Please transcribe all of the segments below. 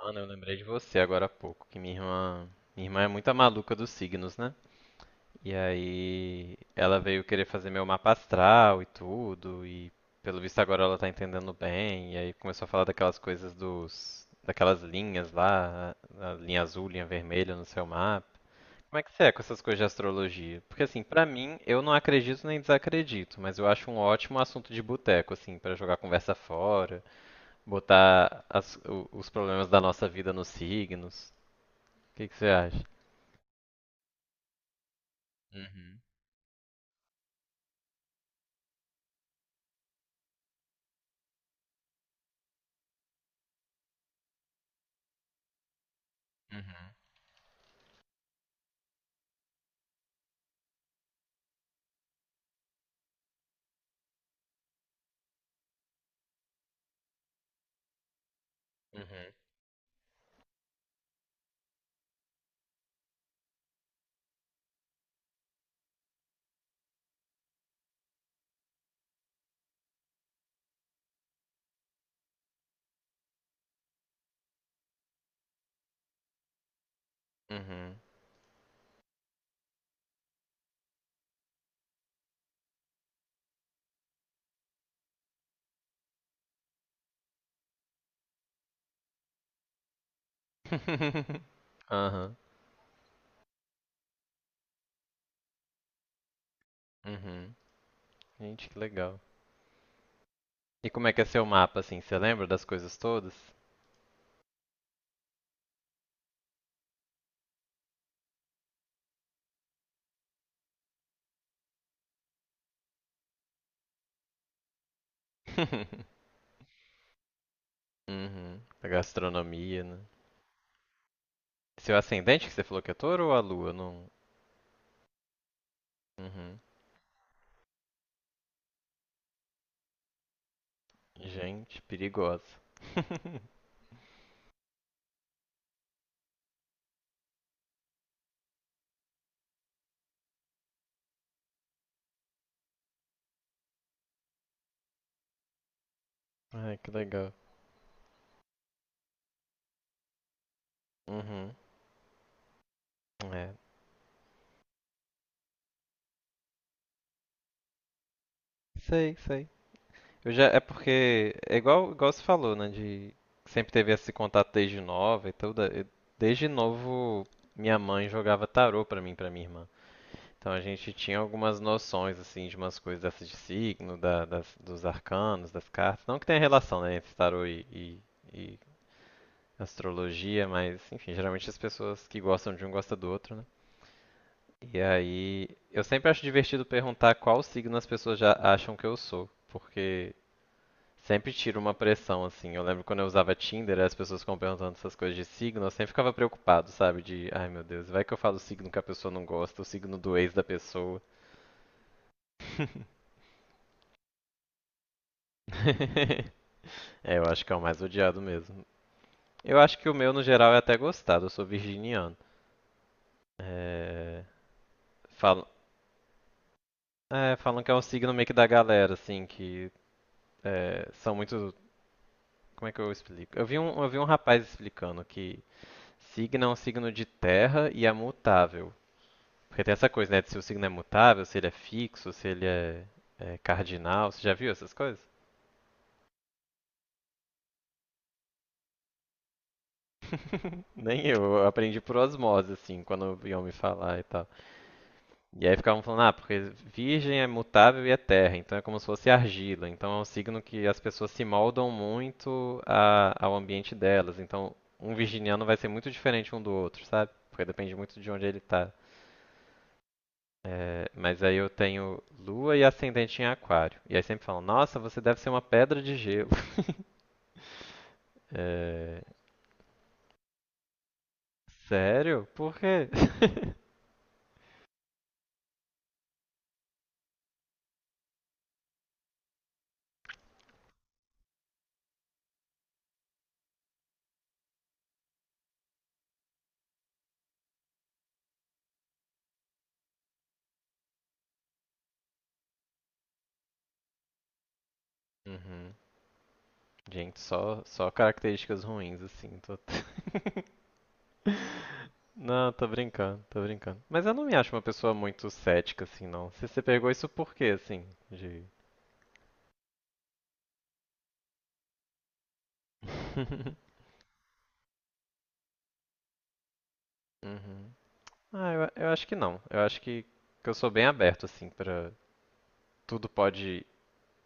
Ana, eu lembrei de você agora há pouco, que minha irmã é muito a maluca dos signos, né? E aí ela veio querer fazer meu mapa astral e tudo, e pelo visto agora ela tá entendendo bem, e aí começou a falar daquelas coisas dos, daquelas linhas lá, a linha azul, linha vermelha no seu mapa. Como é que você é com essas coisas de astrologia? Porque assim, pra mim, eu não acredito nem desacredito, mas eu acho um ótimo assunto de boteco, assim, pra jogar conversa fora. Botar os problemas da nossa vida nos signos. O que que você acha? Uhum. Uhum. Uhum. Uhum. Aham. Uhum. Gente, que legal. E como é que é seu mapa, assim? Você lembra das coisas todas? Uhum. A gastronomia, né? Seu ascendente que você falou que é touro ou a lua? Não. Uhum. Gente, perigosa. Ai, que legal. Uhum. É. Sei, sei. Eu já, é porque é igual, igual você falou, né? De sempre teve esse contato desde nova e tudo. Desde novo, minha mãe jogava tarô pra mim, e pra minha irmã. Então a gente tinha algumas noções assim de umas coisas dessas de signo, dos arcanos, das cartas. Não que tenha relação, né, entre tarô e astrologia, mas enfim, geralmente as pessoas que gostam de um gostam do outro, né? E aí, eu sempre acho divertido perguntar qual signo as pessoas já acham que eu sou, porque sempre tira uma pressão, assim. Eu lembro quando eu usava Tinder, as pessoas ficam perguntando essas coisas de signo, eu sempre ficava preocupado, sabe? De, ai meu Deus, vai que eu falo o signo que a pessoa não gosta, o signo do ex da pessoa. É, eu acho que é o mais odiado mesmo. Eu acho que o meu, no geral, é até gostado, eu sou virginiano. É, falam, é, falam que é um signo meio que da galera, assim, que é, são muito. Como é que eu explico? Eu vi um rapaz explicando que signo é um signo de terra e é mutável. Porque tem essa coisa, né? De se o signo é mutável, se ele é fixo, se ele é, é cardinal. Você já viu essas coisas? Nem eu, eu aprendi por osmose, assim, quando iam me falar e tal. E aí ficavam falando, ah, porque virgem é mutável e é terra, então é como se fosse argila. Então é um signo que as pessoas se moldam muito ao ambiente delas. Então um virginiano vai ser muito diferente um do outro, sabe? Porque depende muito de onde ele tá. É, mas aí eu tenho lua e ascendente em aquário. E aí sempre falam, nossa, você deve ser uma pedra de gelo. É... Sério? Por quê? Uhum. Gente, só, só características ruins, assim. Tô... não, tô brincando, tô brincando. Mas eu não me acho uma pessoa muito cética, assim, não. Você pegou isso por quê, assim? De... Uhum. Ah, eu acho que não. Eu acho que eu sou bem aberto, assim, pra... Tudo pode...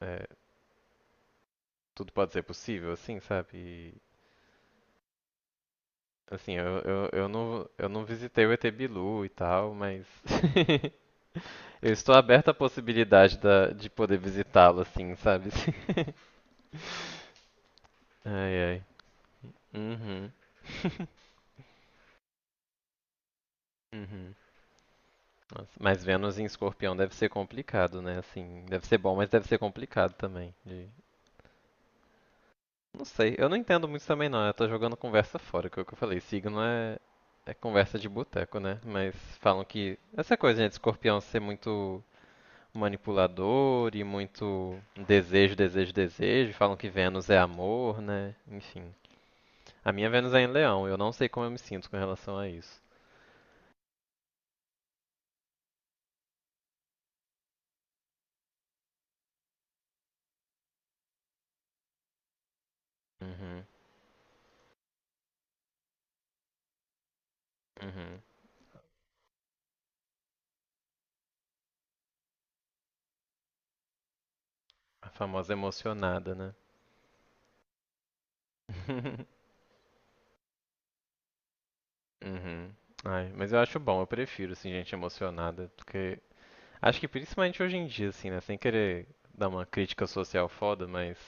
é, tudo pode ser possível, assim, sabe? E, assim, eu não visitei o ET Bilu e tal, mas... Eu estou aberta à possibilidade da, de poder visitá-lo, assim, sabe? Ai, ai. Uhum. Uhum. Nossa, mas Vênus em Escorpião deve ser complicado, né? Assim, deve ser bom, mas deve ser complicado também. De- Não sei, eu não entendo muito também não. Eu tô jogando conversa fora, que é o que eu falei. Signo é, é conversa de boteco, né? Mas falam que essa coisa, né, de Escorpião ser muito manipulador e muito desejo, desejo, desejo. Falam que Vênus é amor, né? Enfim, a minha Vênus é em Leão, eu não sei como eu me sinto com relação a isso. Uhum. Uhum. A famosa emocionada, né? Uhum. Ai, mas eu acho bom, eu prefiro, assim, gente emocionada, porque acho que principalmente hoje em dia, assim, né, sem querer dar uma crítica social foda, mas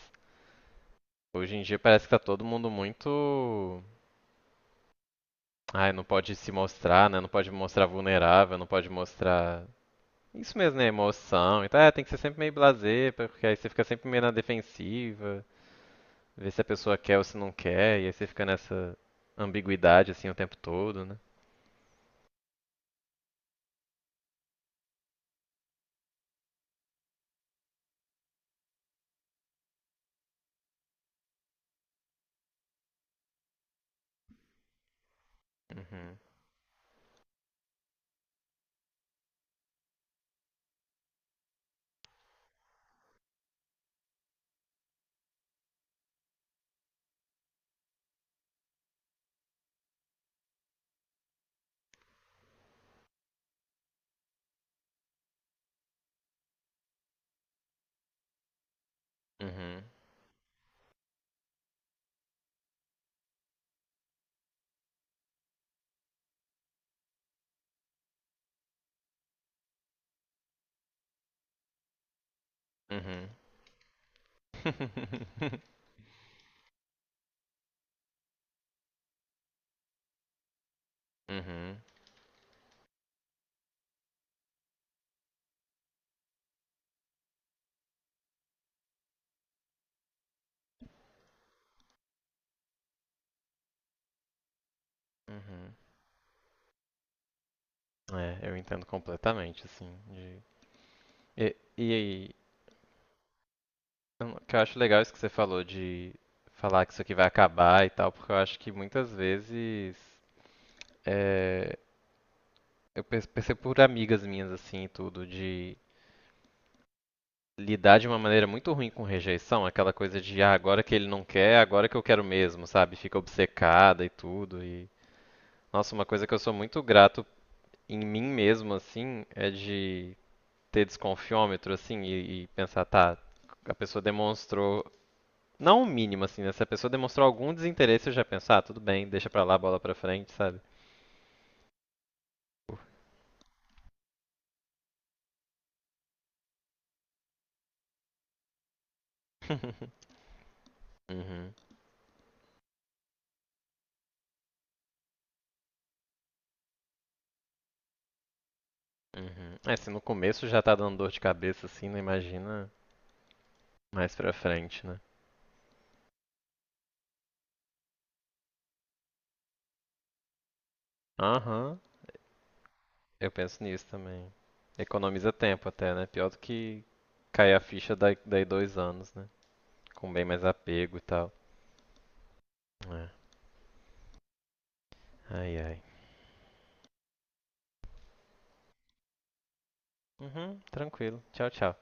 hoje em dia parece que tá todo mundo muito, ai, não pode se mostrar, né, não pode mostrar vulnerável, não pode mostrar isso mesmo, né, emoção, então é, tem que ser sempre meio blasé, porque aí você fica sempre meio na defensiva. Ver se a pessoa quer ou se não quer, e aí você fica nessa ambiguidade assim o tempo todo, né? Uhum. Uhum. Uhum. Uhum. Uhum. É, eu entendo completamente, assim. De- E, e aí, eu- o que eu acho legal é isso que você falou de falar que isso aqui vai acabar e tal, porque eu acho que muitas vezes é, eu perce- percebo por amigas minhas, assim, e tudo, de lidar de uma maneira muito ruim com rejeição, aquela coisa de ah, agora que ele não quer, agora que eu quero mesmo, sabe? Fica obcecada e tudo. E nossa, uma coisa que eu sou muito grato em mim mesmo assim é de ter desconfiômetro assim e pensar, tá, a pessoa demonstrou não o mínimo assim, né? Se a pessoa demonstrou algum desinteresse, eu já penso, ah, tudo bem, deixa pra lá, bola pra frente, sabe? Uhum. Uhum. É, se no começo já tá dando dor de cabeça assim, não imagina mais pra frente, né? Aham. Eu penso nisso também. Economiza tempo até, né? Pior do que cair a ficha daí, daí dois anos, né? Com bem mais apego e tal. É. Ai, ai. Uhum, tranquilo. Tchau, tchau.